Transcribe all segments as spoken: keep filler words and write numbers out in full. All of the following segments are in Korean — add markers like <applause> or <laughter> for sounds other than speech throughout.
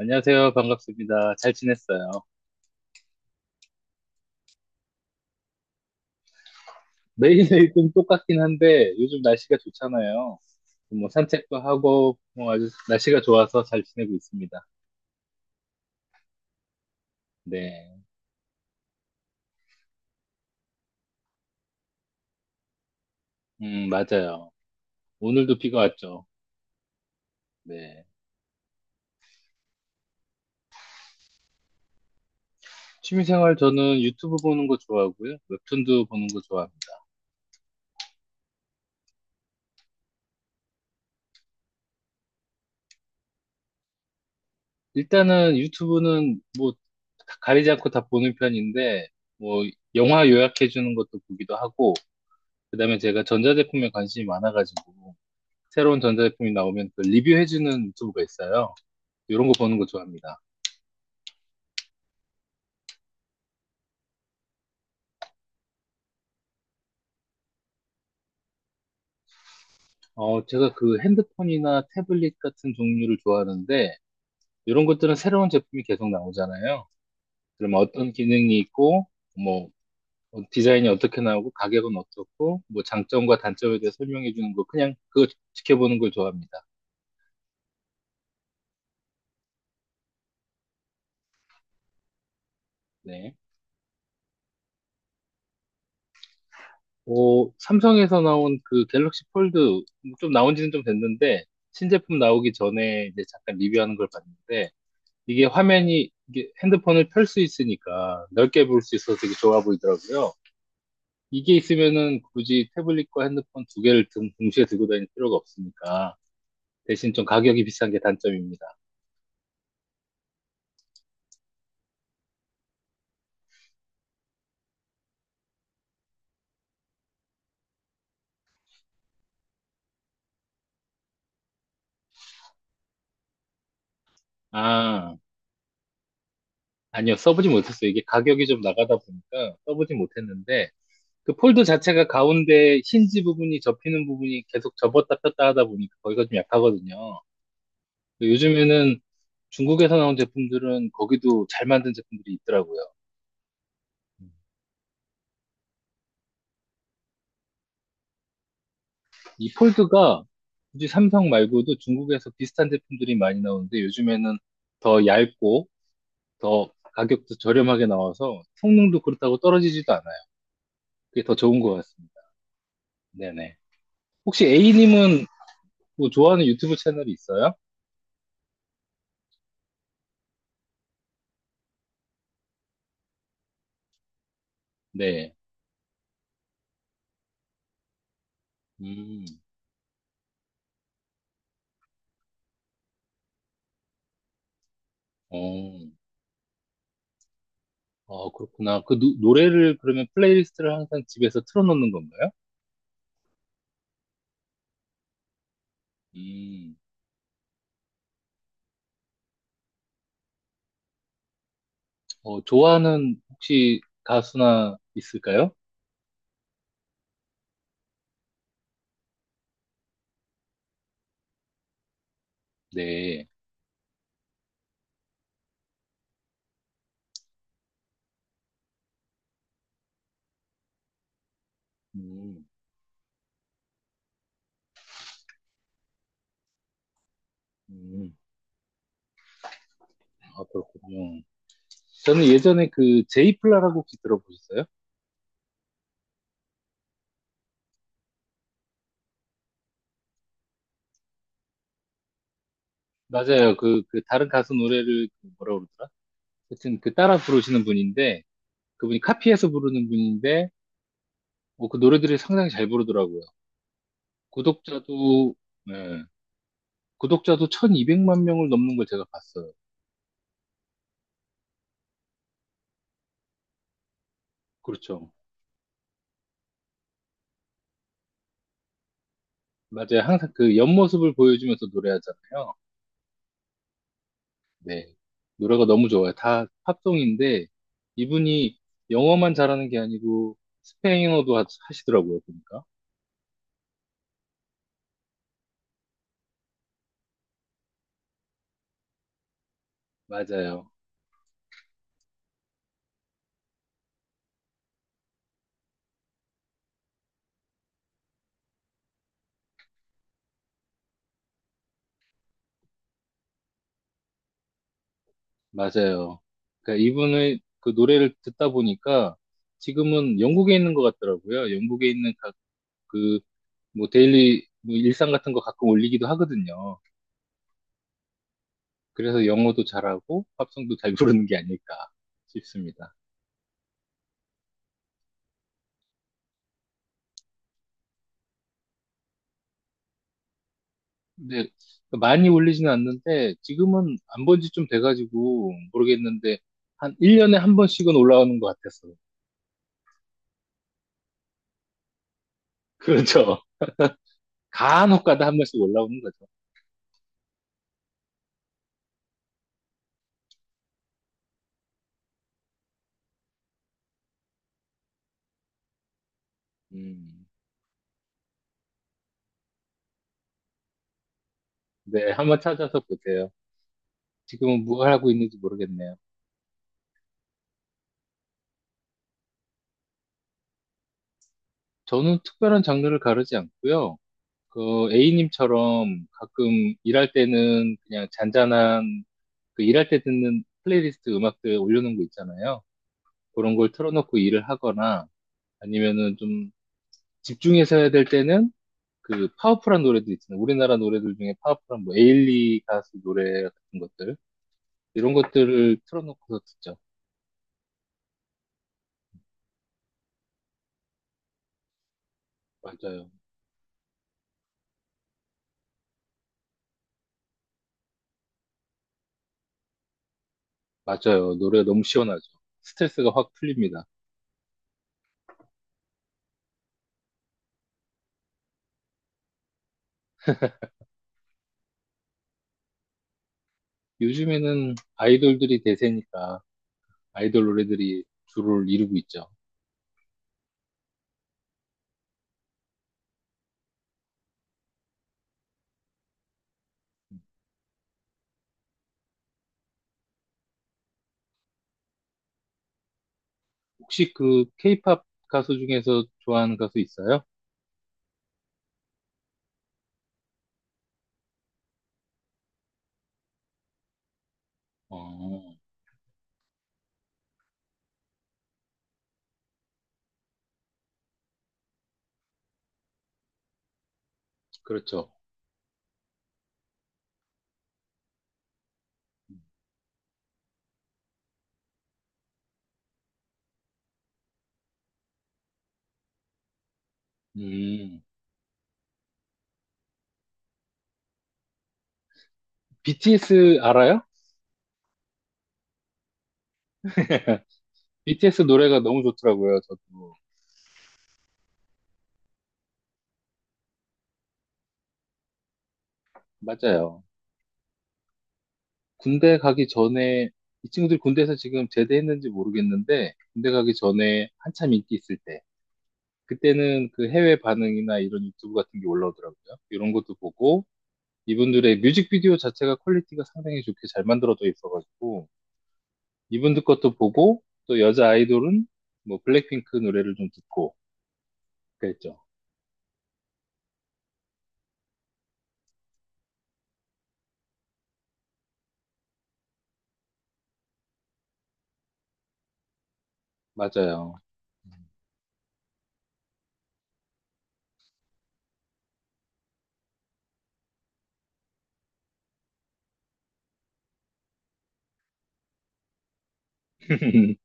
안녕하세요. 반갑습니다. 잘 지냈어요. 매일매일 좀 똑같긴 한데 요즘 날씨가 좋잖아요. 뭐 산책도 하고 뭐 아주 날씨가 좋아서 잘 지내고 있습니다. 네. 음, 맞아요. 오늘도 비가 왔죠. 네. 취미생활 저는 유튜브 보는 거 좋아하고요. 웹툰도 보는 거 좋아합니다. 일단은 유튜브는 뭐 다 가리지 않고 다 보는 편인데 뭐 영화 요약해 주는 것도 보기도 하고 그다음에 제가 전자제품에 관심이 많아가지고 새로운 전자제품이 나오면 그 리뷰해주는 유튜브가 있어요. 이런 거 보는 거 좋아합니다. 어, 제가 그 핸드폰이나 태블릿 같은 종류를 좋아하는데, 이런 것들은 새로운 제품이 계속 나오잖아요. 그러면 어떤 기능이 있고, 뭐, 어, 디자인이 어떻게 나오고, 가격은 어떻고, 뭐, 장점과 단점에 대해 설명해 주는 거, 그냥 그거 지- 지켜보는 걸 좋아합니다. 네. 오, 삼성에서 나온 그 갤럭시 폴드, 좀 나온 지는 좀 됐는데, 신제품 나오기 전에 이제 잠깐 리뷰하는 걸 봤는데, 이게 화면이 이게 핸드폰을 펼 수 있으니까 넓게 볼 수 있어서 되게 좋아 보이더라고요. 이게 있으면은 굳이 태블릿과 핸드폰 두 개를 등, 동시에 들고 다닐 필요가 없으니까 대신 좀 가격이 비싼 게 단점입니다. 아, 아니요. 써보지 못했어요. 이게 가격이 좀 나가다 보니까 써보지 못했는데 그 폴드 자체가 가운데 힌지 부분이 접히는 부분이 계속 접었다 폈다 하다 보니까 거기가 좀 약하거든요. 요즘에는 중국에서 나온 제품들은 거기도 잘 만든 제품들이 있더라고요. 이 폴드가 굳이 삼성 말고도 중국에서 비슷한 제품들이 많이 나오는데 요즘에는 더 얇고 더 가격도 저렴하게 나와서 성능도 그렇다고 떨어지지도 않아요. 그게 더 좋은 것 같습니다. 네네. 혹시 A님은 뭐 좋아하는 유튜브 채널이 있어요? 네. 음, 어, 어, 그렇구나. 그 노, 노래를 그러면 플레이리스트를 항상 집에서 틀어놓는 건가요? 음, 어, 좋아하는 혹시 가수나 있을까요? 네. 음, 음, 아, 그렇군요. 저는 예전에 그 제이플라라고 혹시 들어보셨어요? 맞아요. 그, 그 다른 가수 노래를 그 뭐라 그러더라? 하여튼 그 따라 부르시는 분인데 그분이 카피해서 부르는 분인데 뭐 그 노래들을 상당히 잘 부르더라고요. 구독자도 네, 구독자도 천이백만 명을 넘는 걸 제가 봤어요. 그렇죠. 맞아요. 항상 그 옆모습을 보여주면서 노래하잖아요. 네. 노래가 너무 좋아요. 다 팝송인데 이분이 영어만 잘하는 게 아니고 스페인어도 하- 하시더라고요. 보니까. 맞아요. 맞아요. 그러니까 이분의 그 노래를 듣다 보니까 지금은 영국에 있는 것 같더라고요. 영국에 있는 각 그 뭐 데일리 뭐 일상 같은 거 가끔 올리기도 하거든요. 그래서 영어도 잘하고 팝송도 잘 부르는 게 아닐까 싶습니다. 근데 많이 올리지는 않는데 지금은 안 본 지 좀 돼가지고 모르겠는데 한 일 년 한 번씩은 올라오는 것 같았어요. <laughs> 그렇죠. 간혹 가다 한 번씩 올라오는 거죠. 음. 네, 한번 찾아서 보세요. 지금은 뭘 하고 있는지 모르겠네요. 저는 특별한 장르를 가르지 않고요. 그 A님처럼 가끔 일할 때는 그냥 잔잔한 그 일할 때 듣는 플레이리스트 음악들 올려놓은 거 있잖아요. 그런 걸 틀어놓고 일을 하거나 아니면은 좀 집중해서 해야 될 때는 그 파워풀한 노래들 있잖아요. 우리나라 노래들 중에 파워풀한 뭐 에일리 가수 노래 같은 것들 이런 것들을 틀어놓고서 듣죠. 맞아요. 맞아요. 노래 너무 시원하죠. 스트레스가 확 풀립니다. 요즘에는 아이돌들이 대세니까 아이돌 노래들이 주를 이루고 있죠. 혹시 그 케이팝 가수 중에서 좋아하는 가수 있어요? 어, 그렇죠. 음, 비티에스 알아요? <laughs> 비티에스 노래가 너무 좋더라고요, 저도. 맞아요. 군대 가기 전에, 이 친구들 군대에서 지금 제대했는지 모르겠는데, 군대 가기 전에 한참 인기 있을 때, 그때는 그 해외 반응이나 이런 유튜브 같은 게 올라오더라고요. 이런 것도 보고, 이분들의 뮤직비디오 자체가 퀄리티가 상당히 좋게 잘 만들어져 있어가지고 이분들 것도 보고 또 여자 아이돌은 뭐 블랙핑크 노래를 좀 듣고 그랬죠. 맞아요. <laughs>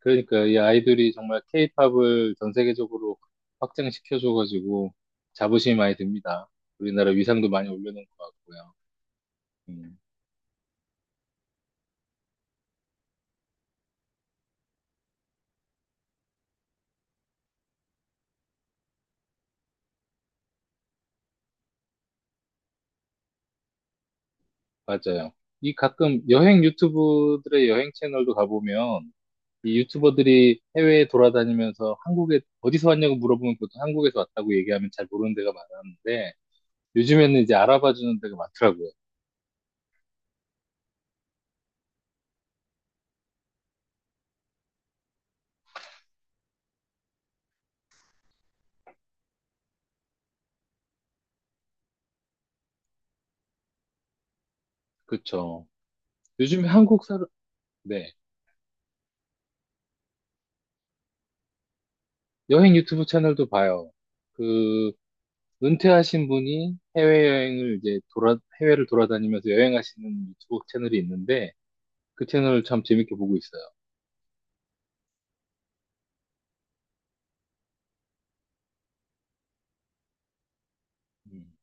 그러니까 이 아이돌이 정말 케이팝을 전 세계적으로 확장시켜줘가지고 자부심이 많이 듭니다. 우리나라 위상도 많이 올려놓은 것 같고요. 음, 맞아요. 이 가끔 여행 유튜브들의 여행 채널도 가보면 이 유튜버들이 해외에 돌아다니면서 한국에 어디서 왔냐고 물어보면 보통 한국에서 왔다고 얘기하면 잘 모르는 데가 많았는데 요즘에는 이제 알아봐 주는 데가 많더라고요. 그쵸. 요즘에 한국 사람, 네. 여행 유튜브 채널도 봐요. 그, 은퇴하신 분이 해외여행을 이제 돌아, 해외를 돌아다니면서 여행하시는 유튜브 채널이 있는데 그 채널을 참 재밌게 보고 있어요. 음,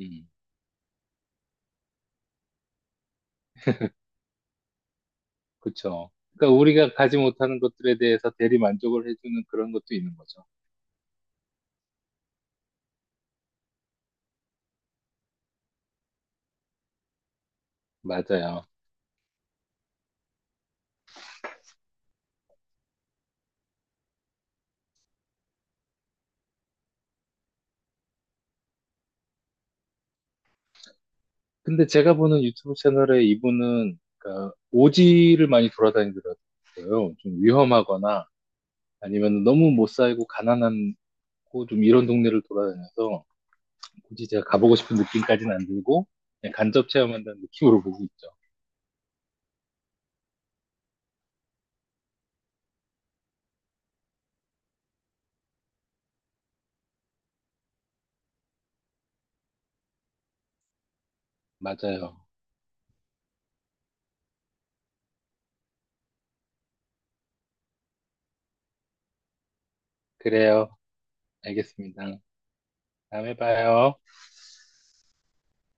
음, 그쵸. 그러니까 우리가 가지 못하는 것들에 대해서 대리 만족을 해주는 그런 것도 있는 거죠. 맞아요. 근데 제가 보는 유튜브 채널에 이분은 그러니까 오지를 많이 돌아다니더라고요. 좀 위험하거나 아니면 너무 못 살고 가난하고 좀 이런 동네를 돌아다녀서 굳이 제가 가보고 싶은 느낌까지는 안 들고 그냥 간접 체험한다는 느낌으로 보고 있죠. 맞아요. 그래요. 알겠습니다. 다음에 봐요.